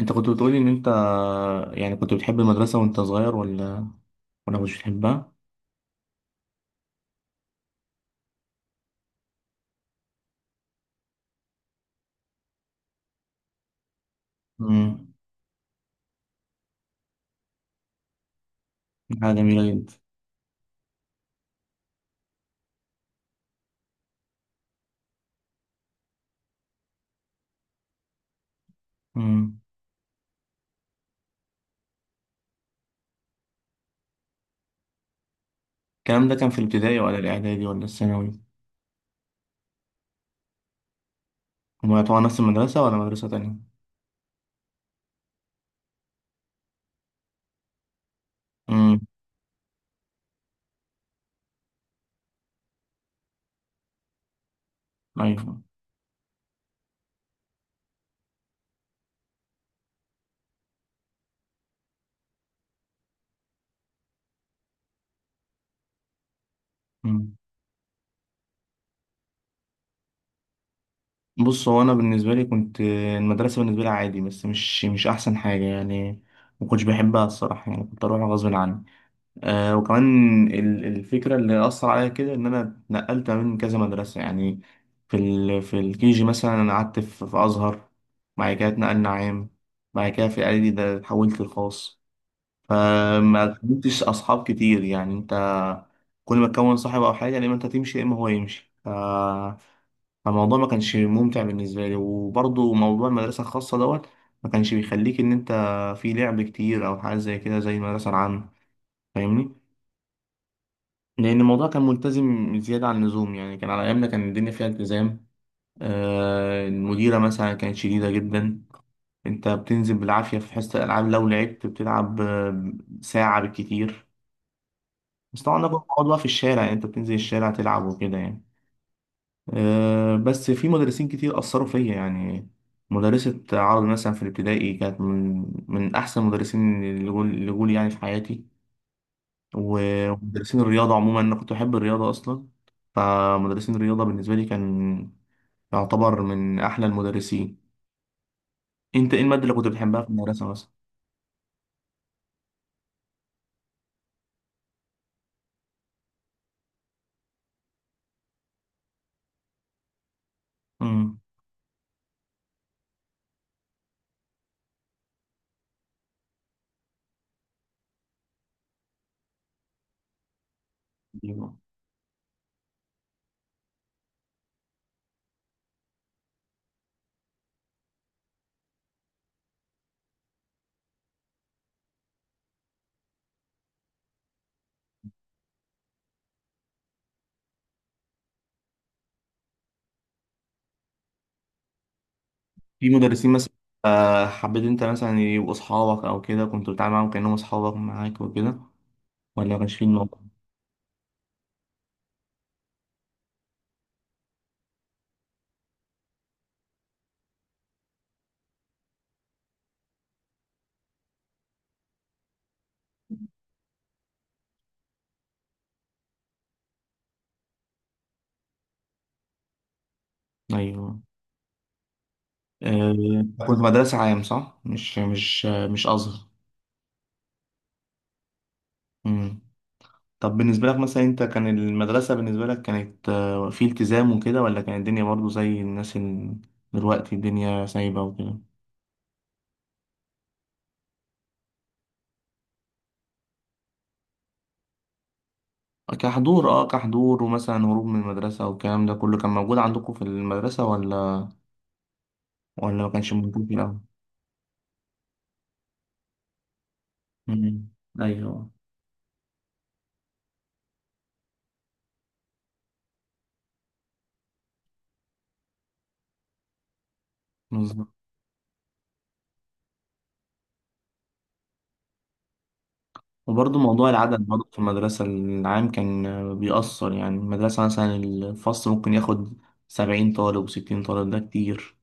انت كنت بتقولي ان انت يعني كنت بتحب المدرسة وانت صغير، ولا مش بتحبها؟ امم. حاجة جميلة جدا. امم. الكلام ده كان في الابتدائي ولا الإعدادي ولا الثانوي؟ هما طبعا نفس المدرسة ولا مدرسة تانية؟ امم. أيوة. امم. بص، هو أنا بالنسبة لي كنت المدرسة بالنسبة لي عادي، بس مش أحسن حاجة يعني. ما كنتش بحبها الصراحة، يعني كنت أروح غصب عني. وكمان الفكرة اللي أثر عليا كده إن أنا اتنقلت من كذا مدرسة يعني. في الكيجي مثلا أنا قعدت في أزهر. بعد كده اتنقلنا عام. بعد كده في الإعدادي ده اتحولت للخاص. فما كنتش أصحاب كتير يعني. أنت كل ما تكون صاحب أو حاجة يا إما أنت تمشي يا إما هو يمشي فالموضوع ما كانش ممتع بالنسبة لي، وبرضه موضوع المدرسة الخاصة دوت ما كانش بيخليك إن أنت في لعب كتير أو حاجة زي كده زي المدرسة العامة. فاهمني؟ لأن الموضوع كان ملتزم زيادة عن اللزوم، يعني كان على أيامنا كان الدنيا فيها التزام. المديرة مثلا كانت شديدة جدا. أنت بتنزل بالعافية في حصة الألعاب، لو لعبت بتلعب ساعة بالكتير. بس طبعا ده كنت بقعد بقى في الشارع، يعني أنت بتنزل الشارع تلعب وكده يعني. بس في مدرسين كتير أثروا فيا يعني. مدرسة عربي مثلا في الابتدائي كانت من أحسن المدرسين اللي جول يعني في حياتي. و- ومدرسين الرياضة عموما، أنا كنت بحب الرياضة أصلا. فمدرسين الرياضة بالنسبة لي كان يعتبر من أحلى المدرسين. أنت إيه المادة اللي كنت بتحبها في المدرسة مثلا؟ مم. أيوة. في مدرسين مثلا حبيت أنت مثلا يبقوا أصحابك، أو كده كنت بتتعامل معاهم كأنهم أصحابك معاك وكده، ولا ما كانش في الموضوع؟ أيوه. آه، كنت مدرسة عام صح؟ مش أزهر. مم. طب بالنسبة لك مثلا، انت كان المدرسة بالنسبة لك كانت في التزام وكده، ولا كانت الدنيا برضو زي الناس دلوقتي الدنيا سايبة وكده؟ كحضور ومثلا هروب من المدرسة والكلام ده كله كان موجود عندكم في المدرسة، ولا ما كانش موجود في الأول؟ مم. ايوه. بالظبط. وبرضه موضوع العدد برضه في المدرسة العام كان بيأثر، يعني المدرسة مثلا الفصل ممكن ياخد 70 طالب وستين طالب، ده كتير.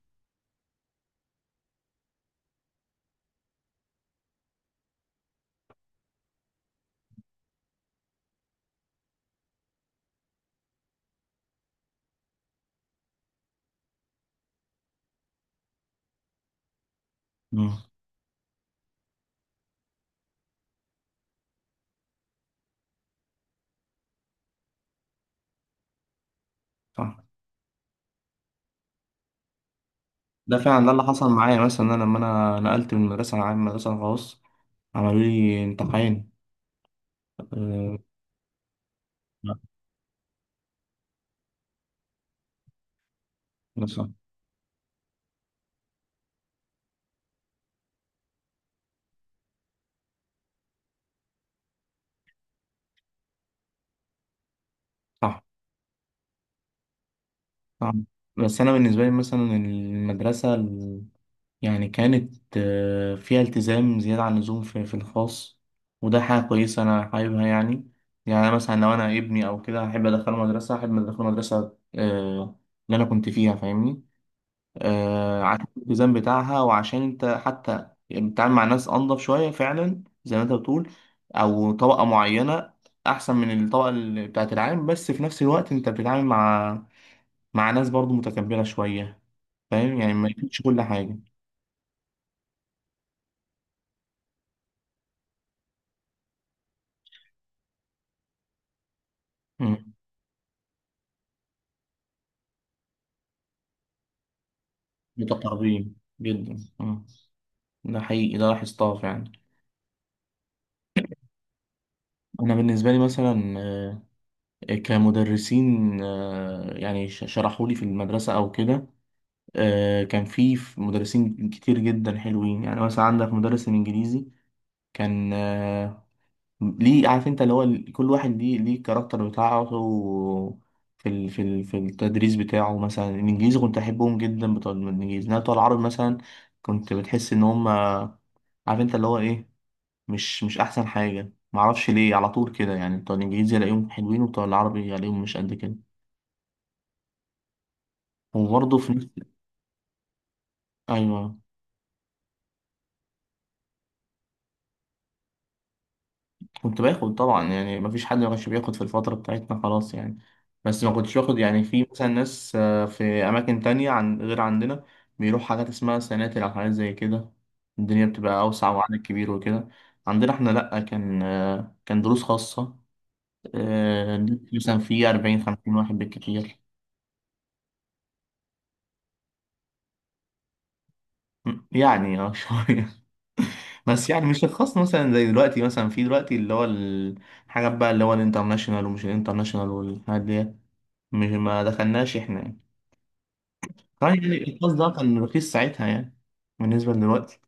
مم. صح. ده فعلا ده اللي حصل معايا، مثلا انا لما انا نقلت من مدرسه عام مدرسه خاص عملوا لي امتحان. أه. لا. مثلا صح. صح، بس انا بالنسبه لي مثلا المدرسه يعني كانت فيها التزام زياده عن اللزوم في الخاص، وده حاجه كويسه انا حاببها يعني. يعني أنا مثلا لو انا ابني او كده، هحب ادخله مدرسه. آه، اللي انا كنت فيها، فاهمني؟ عشان الالتزام بتاعها، وعشان انت حتى يعني بتتعامل مع ناس انضف شويه فعلا زي ما انت بتقول، او طبقه معينه احسن من الطبقه اللي بتاعت العام. بس في نفس الوقت انت بتتعامل مع ناس برضو متكبره شويه، فاهم يعني ما يكونش كل حاجه. مم. متقربين جدا. مم. ده حقيقي، ده لاحظتها فعلا. انا بالنسبه لي مثلا كمدرسين يعني شرحوا لي في المدرسه او كده، كان في مدرسين كتير جدا حلوين، يعني مثلا عندك مدرس الانجليزي كان ليه؟ عارف انت اللي هو كل واحد ليه الكاركتر بتاعه في في التدريس بتاعه. مثلا الانجليزي كنت احبهم جدا بتوع الانجليزي، انما بتوع العربي مثلا كنت بتحس ان هم عارف انت اللي هو ايه، مش احسن حاجه. معرفش ليه، على طول كده يعني بتوع الانجليزي الاقيهم حلوين وبتوع العربي الاقيهم مش قد كده. وبرضه في نفس. ايوه. كنت باخد طبعا، يعني مفيش حد ما كانش بياخد في الفترة بتاعتنا خلاص يعني. بس ما كنتش باخد يعني في مثلا ناس في أماكن تانية عن غير عندنا بيروح حاجات اسمها سناتر أو حاجات زي كده، الدنيا بتبقى أوسع وعدد كبير وكده. عندنا إحنا لأ، كان دروس خاصة آه، مثلا في 40 50 واحد بالكتير. يعني شوية بس يعني مش الخاص مثلا زي دلوقتي، مثلا في دلوقتي اللي هو الحاجات بقى اللي هو الانترناشونال ومش الانترناشونال والحاجات دي، مش ما دخلناش احنا يعني. طبعا يعني الباص ده كان رخيص ساعتها يعني، بالنسبة لدلوقتي.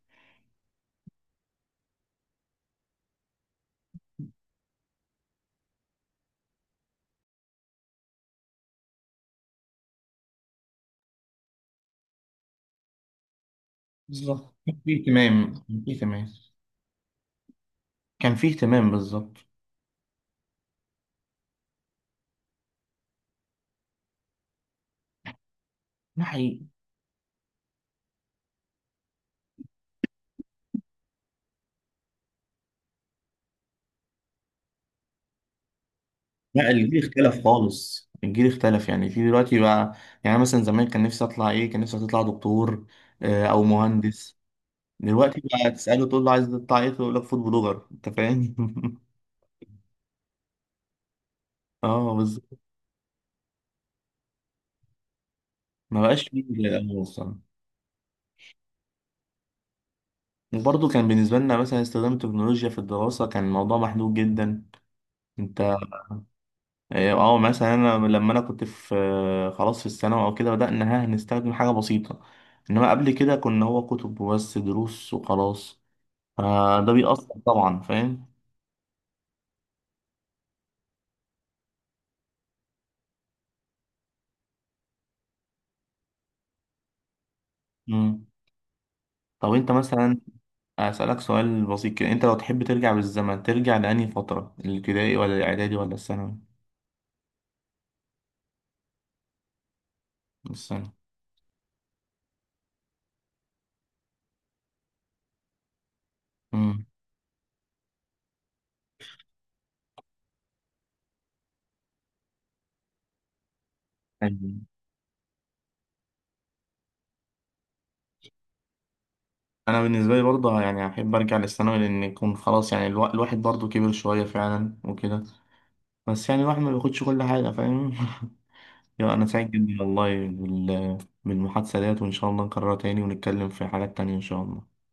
بالظبط، كان فيه اهتمام كان فيه اهتمام. كان فيه اهتمام بالظبط. ده حقيقي. لا، الجيل اختلف خالص، الجيل اختلف يعني في دلوقتي بقى. يعني مثلا زمان كان نفسي اطلع ايه؟ كان نفسي اطلع دكتور او مهندس. دلوقتي بقى تسأله تقول له عايز تطلع ايه، تقول لك فود بلوجر، انت فاهم؟ اه بالظبط. ما بقاش فيه زي الاول الصراحة. وبرضه كان بالنسبة لنا مثلا استخدام التكنولوجيا في الدراسة كان الموضوع محدود جدا. انت اه مثلا انا لما انا كنت في خلاص في الثانوي او كده، بدأنا ها نستخدم حاجة بسيطة، انما قبل كده كنا هو كتب وبس دروس وخلاص. فده بيأثر طبعا، فاهم؟ مم. طب انت مثلا أسألك سؤال بسيط كده، انت لو تحب ترجع بالزمن ترجع لأنهي فترة، الابتدائي ولا الاعدادي ولا الثانوي؟ الثانوي. مم. أيوة. انا بالنسبة لي برضه يعني احب ارجع للثانوي، لان يكون خلاص يعني الواحد برضه كبر شوية فعلا وكده. بس يعني الواحد ما بياخدش كل حاجة، فاهم؟ يا أنا سعيد جدا والله بالمحادثة ديت، وإن شاء الله نكررها تاني ونتكلم في حاجات تانية إن شاء الله.